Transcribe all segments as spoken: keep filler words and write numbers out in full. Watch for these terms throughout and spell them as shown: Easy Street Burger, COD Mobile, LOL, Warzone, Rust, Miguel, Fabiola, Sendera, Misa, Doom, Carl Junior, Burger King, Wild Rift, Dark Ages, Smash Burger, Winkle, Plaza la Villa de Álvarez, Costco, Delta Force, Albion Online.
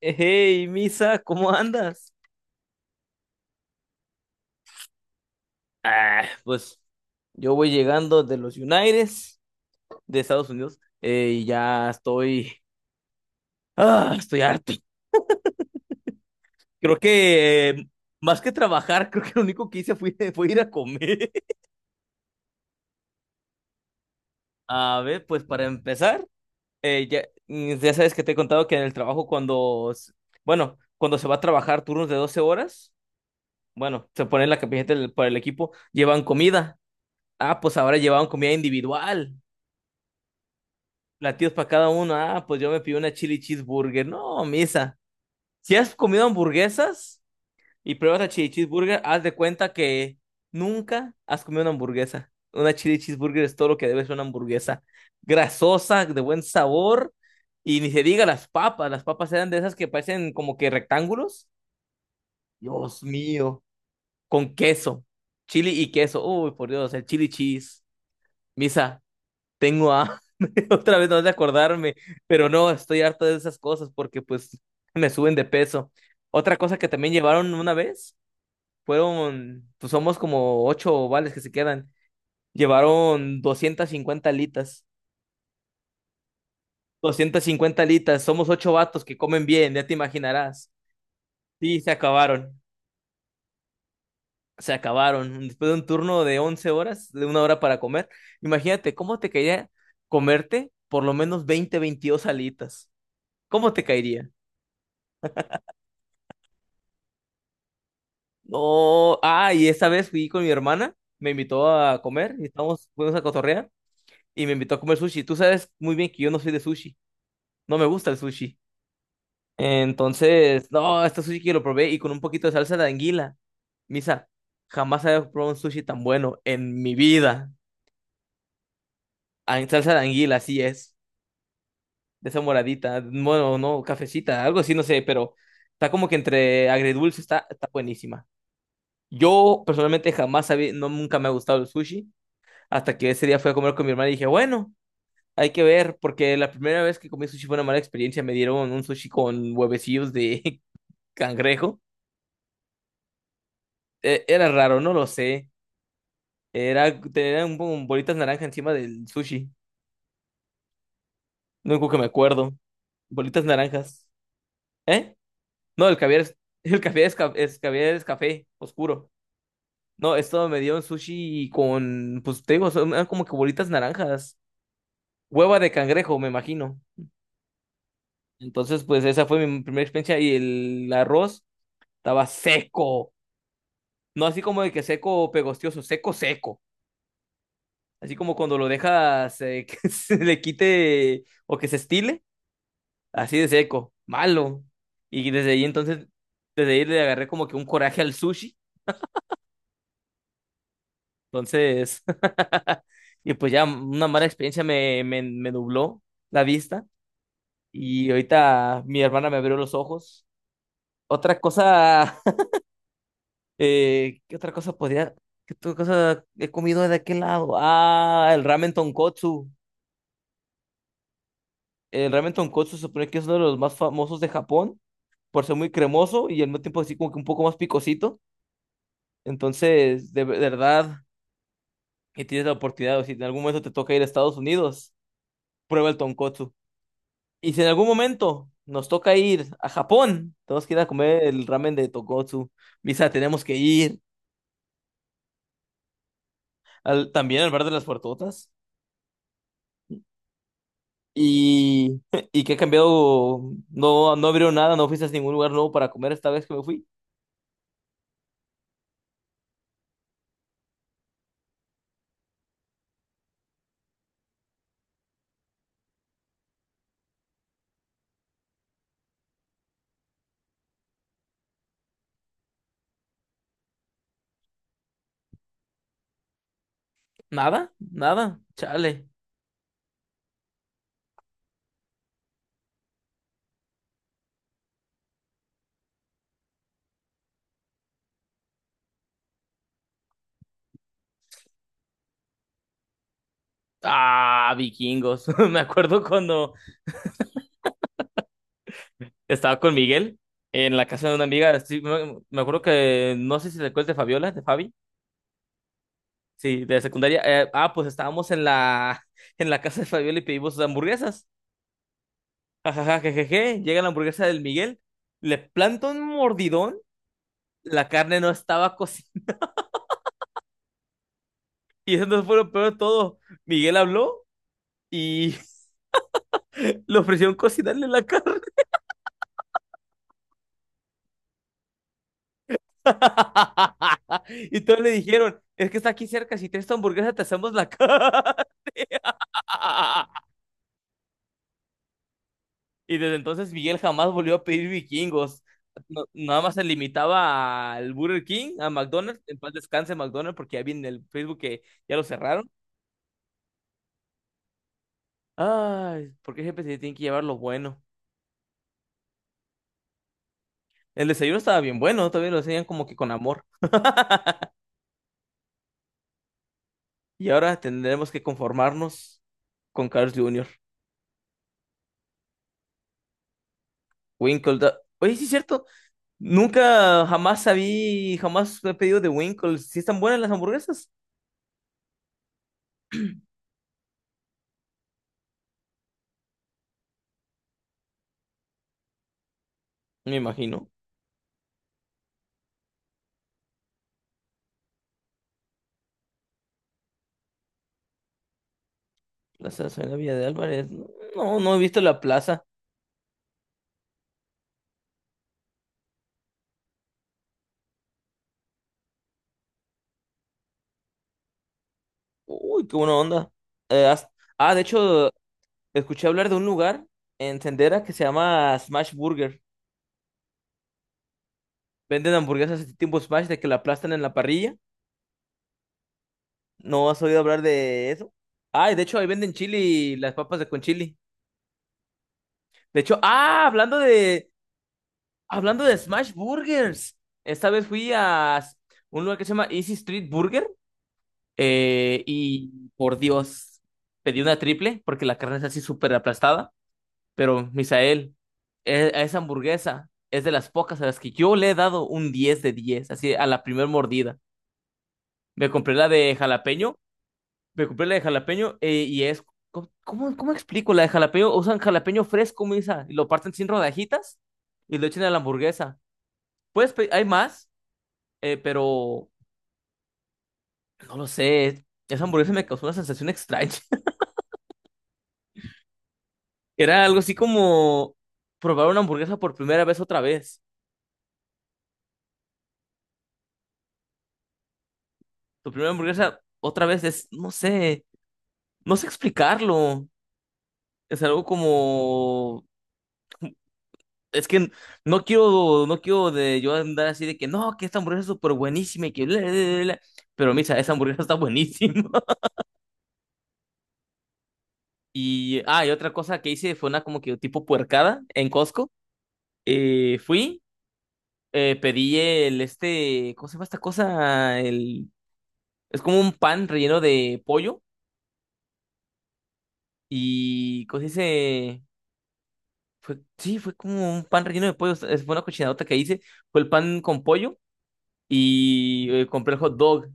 Hey, Misa, ¿cómo andas? Ah, pues yo voy llegando de los United, de Estados Unidos, eh, y ya estoy, ah, estoy harto. Creo que eh, más que trabajar, creo que lo único que hice fue, fue ir a comer. A ver, pues para empezar, eh, ya, mm, ya sabes que te he contado que en el trabajo cuando, s- bueno, cuando se va a trabajar turnos de doce horas, bueno, se pone la camiseta del- para el equipo, llevan comida. Ah, pues ahora llevaban comida individual. Platillos para cada uno. Ah, pues yo me pido una chili cheeseburger. No, Misa. Si has comido hamburguesas y pruebas la chili cheeseburger, haz de cuenta que nunca has comido una hamburguesa. Una chili cheeseburger es todo lo que debe ser una hamburguesa. Grasosa, de buen sabor. Y ni se diga las papas. Las papas eran de esas que parecen como que rectángulos. Dios mío. Con queso. Chili y queso. Uy, por Dios, el chili cheese. Misa, tengo hambre, otra vez no de acordarme, pero no, estoy harto de esas cosas porque pues me suben de peso. Otra cosa que también llevaron una vez fueron, pues somos como ocho ovales que se quedan, llevaron doscientas cincuenta alitas, doscientas cincuenta alitas, somos ocho vatos que comen bien, ya te imaginarás. Sí, se acabaron. Se acabaron. Después de un turno de once horas, de una hora para comer, imagínate cómo te caería comerte por lo menos veinte veintidós alitas. ¿Cómo te caería? No, ah, y esta vez fui con mi hermana, me invitó a comer y estábamos, fuimos a cotorrear y me invitó a comer sushi. Tú sabes muy bien que yo no soy de sushi, no me gusta el sushi. Entonces, no, este sushi que lo probé y con un poquito de salsa de anguila. Misa, jamás había probado un sushi tan bueno en mi vida. Ah, en salsa de anguila, así es, de esa moradita, bueno, no, cafecita, algo así, no sé, pero está como que entre agridulce, está, está buenísima. Yo personalmente jamás había, no, nunca me ha gustado el sushi. Hasta que ese día fui a comer con mi hermana y dije, bueno, hay que ver, porque la primera vez que comí sushi fue una mala experiencia. Me dieron un sushi con huevecillos de cangrejo. Eh, era raro, no lo sé. Era, tenían un- bolitas naranja encima del sushi. Lo único que me acuerdo. Bolitas naranjas. ¿Eh? No, el caviar es, el caviar es, ca- es- caviar es café oscuro. No, esto me dio un sushi con, pues te digo, son- eran como que bolitas naranjas. Hueva de cangrejo, me imagino. Entonces, pues esa fue mi primera experiencia y el arroz estaba seco. No así como de que seco pegostioso, seco, seco. Así como cuando lo dejas eh, que se le quite o que se estile, así de seco, malo. Y desde ahí entonces, desde ahí le agarré como que un coraje al sushi. Entonces, y pues ya una mala experiencia me, me, me nubló la vista. Y ahorita mi hermana me abrió los ojos. Otra cosa. Eh, ¿qué otra cosa podría? ¿Qué otra cosa he comido de aquel lado? Ah, el ramen tonkotsu. El ramen tonkotsu se supone que es uno de los más famosos de Japón por ser muy cremoso y al mismo tiempo así como que un poco más picosito. Entonces, de de verdad, que tienes la oportunidad, o si en algún momento te toca ir a Estados Unidos, prueba el tonkotsu. Y si en algún momento nos toca ir a Japón, tenemos que ir a comer el ramen de tonkotsu. Misa, tenemos que ir al, también al bar de las puertotas. ¿Y, y qué ha cambiado? No, no abrieron nada, no fuiste a ningún lugar nuevo para comer esta vez que me fui. Nada, nada, chale. Ah, vikingos. Me acuerdo cuando estaba con Miguel en la casa de una amiga. Sí, me, me acuerdo que no sé si te acuerdas de Fabiola, de Fabi. Sí, de secundaria. Eh, ah, pues estábamos en la, en la casa de Fabiola y pedimos hamburguesas. Ajaja, jejeje. Llega la hamburguesa del Miguel, le planta un mordidón. La carne no estaba cocida. Y eso no fue lo peor de todo. Miguel habló y le ofrecieron cocinarle la carne. Y todos le dijeron, es que está aquí cerca, si tienes tu hamburguesa te hacemos la carne. Y desde entonces Miguel jamás volvió a pedir vikingos. No- nada más se limitaba al Burger King, a McDonald's, en paz descanse McDonald's, porque ya vi en el Facebook que ya lo cerraron. Ay, porque siempre se tienen que llevar lo bueno. El desayuno estaba bien bueno, todavía lo hacían como que con amor. Y ahora tendremos que conformarnos con Carl Junior. Winkle. da- Oye, sí es cierto. Nunca jamás sabí, jamás he pedido de Winkle. ¿Si están buenas las hamburguesas? Me imagino. Plaza la Villa de Álvarez. No, no no he visto la plaza. Uy, qué buena onda. Eh, has- ah, de hecho, escuché hablar de un lugar en Sendera que se llama Smash Burger. Venden hamburguesas de tipo Smash de que la aplastan en la parrilla. ¿No has oído hablar de eso? Ah, y de hecho ahí venden chili, las papas de con chili. De hecho, ah, hablando de, hablando de Smash Burgers. Esta vez fui a un lugar que se llama Easy Street Burger. Eh, y por Dios, pedí una triple porque la carne es así súper aplastada. Pero, Misael, e- a esa hamburguesa es de las pocas a las que yo le he dado un diez de diez así a la primer mordida. Me compré la de jalapeño. Me compré la de jalapeño eh, y es. ¿Cómo, cómo cómo explico? La de jalapeño, usan jalapeño fresco, Misa, y lo parten sin rodajitas y lo echan a la hamburguesa. Puedes pe- hay más, eh, pero no lo sé. Esa hamburguesa me causó una sensación extraña. Era algo así como probar una hamburguesa por primera vez otra vez. Tu primera hamburguesa otra vez es, no sé, no sé explicarlo. Es algo como, es que no quiero, no quiero de yo andar así de que no, que esta hamburguesa es súper buenísima y que bla, bla, bla, bla". Pero, Misa, esa hamburguesa está buenísima. Y, ah, y otra cosa que hice fue una como que tipo puercada en Costco. Eh, fui. Eh, pedí el este, ¿cómo se llama esta cosa? El, es como un pan relleno de pollo y, ¿cómo se dice? Fue, sí, fue como un pan relleno de pollo. Es- Fue una cochinadota que hice. Fue el pan con pollo y eh, compré el hot dog.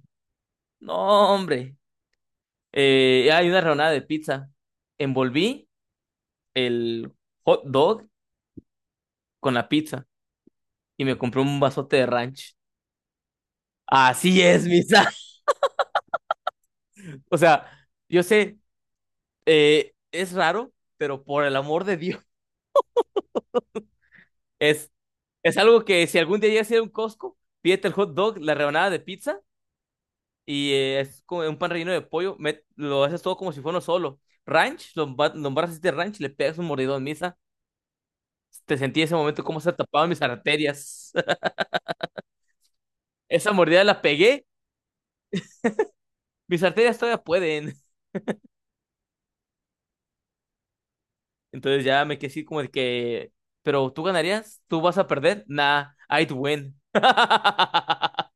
No, hombre. Eh, hay una rebanada de pizza. Envolví el hot dog con la pizza y me compré un vasote de ranch. Así es, Misa. O sea, yo sé, eh, es raro, pero por el amor de Dios. Es, es algo que si algún día llegas a ir a un Costco, pídete el hot dog, la rebanada de pizza y eh, es como un pan relleno de pollo. Met- lo haces todo como si fuera uno solo. Ranch, lo emba- lo embarras este ranch, le pegas un mordidón, Misa. Te sentí ese momento como se tapaban mis arterias. Esa mordida la pegué, mis arterias todavía pueden. Entonces ya me quedé así como de que, pero tú ganarías, tú vas a perder. Nah, I'd win.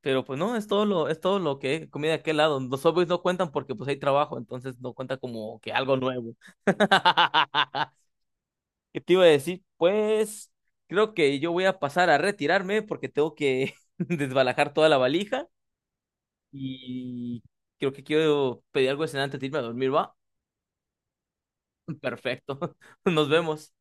Pero pues no, es todo lo, es todo lo que comí de aquel lado. Los Subways no cuentan porque pues hay trabajo, entonces no cuenta como que algo nuevo. ¿Qué te iba a decir? Pues creo que yo voy a pasar a retirarme porque tengo que desbalajar toda la valija y creo que quiero pedir algo de cenar antes de irme a dormir, ¿va? Perfecto. Nos vemos.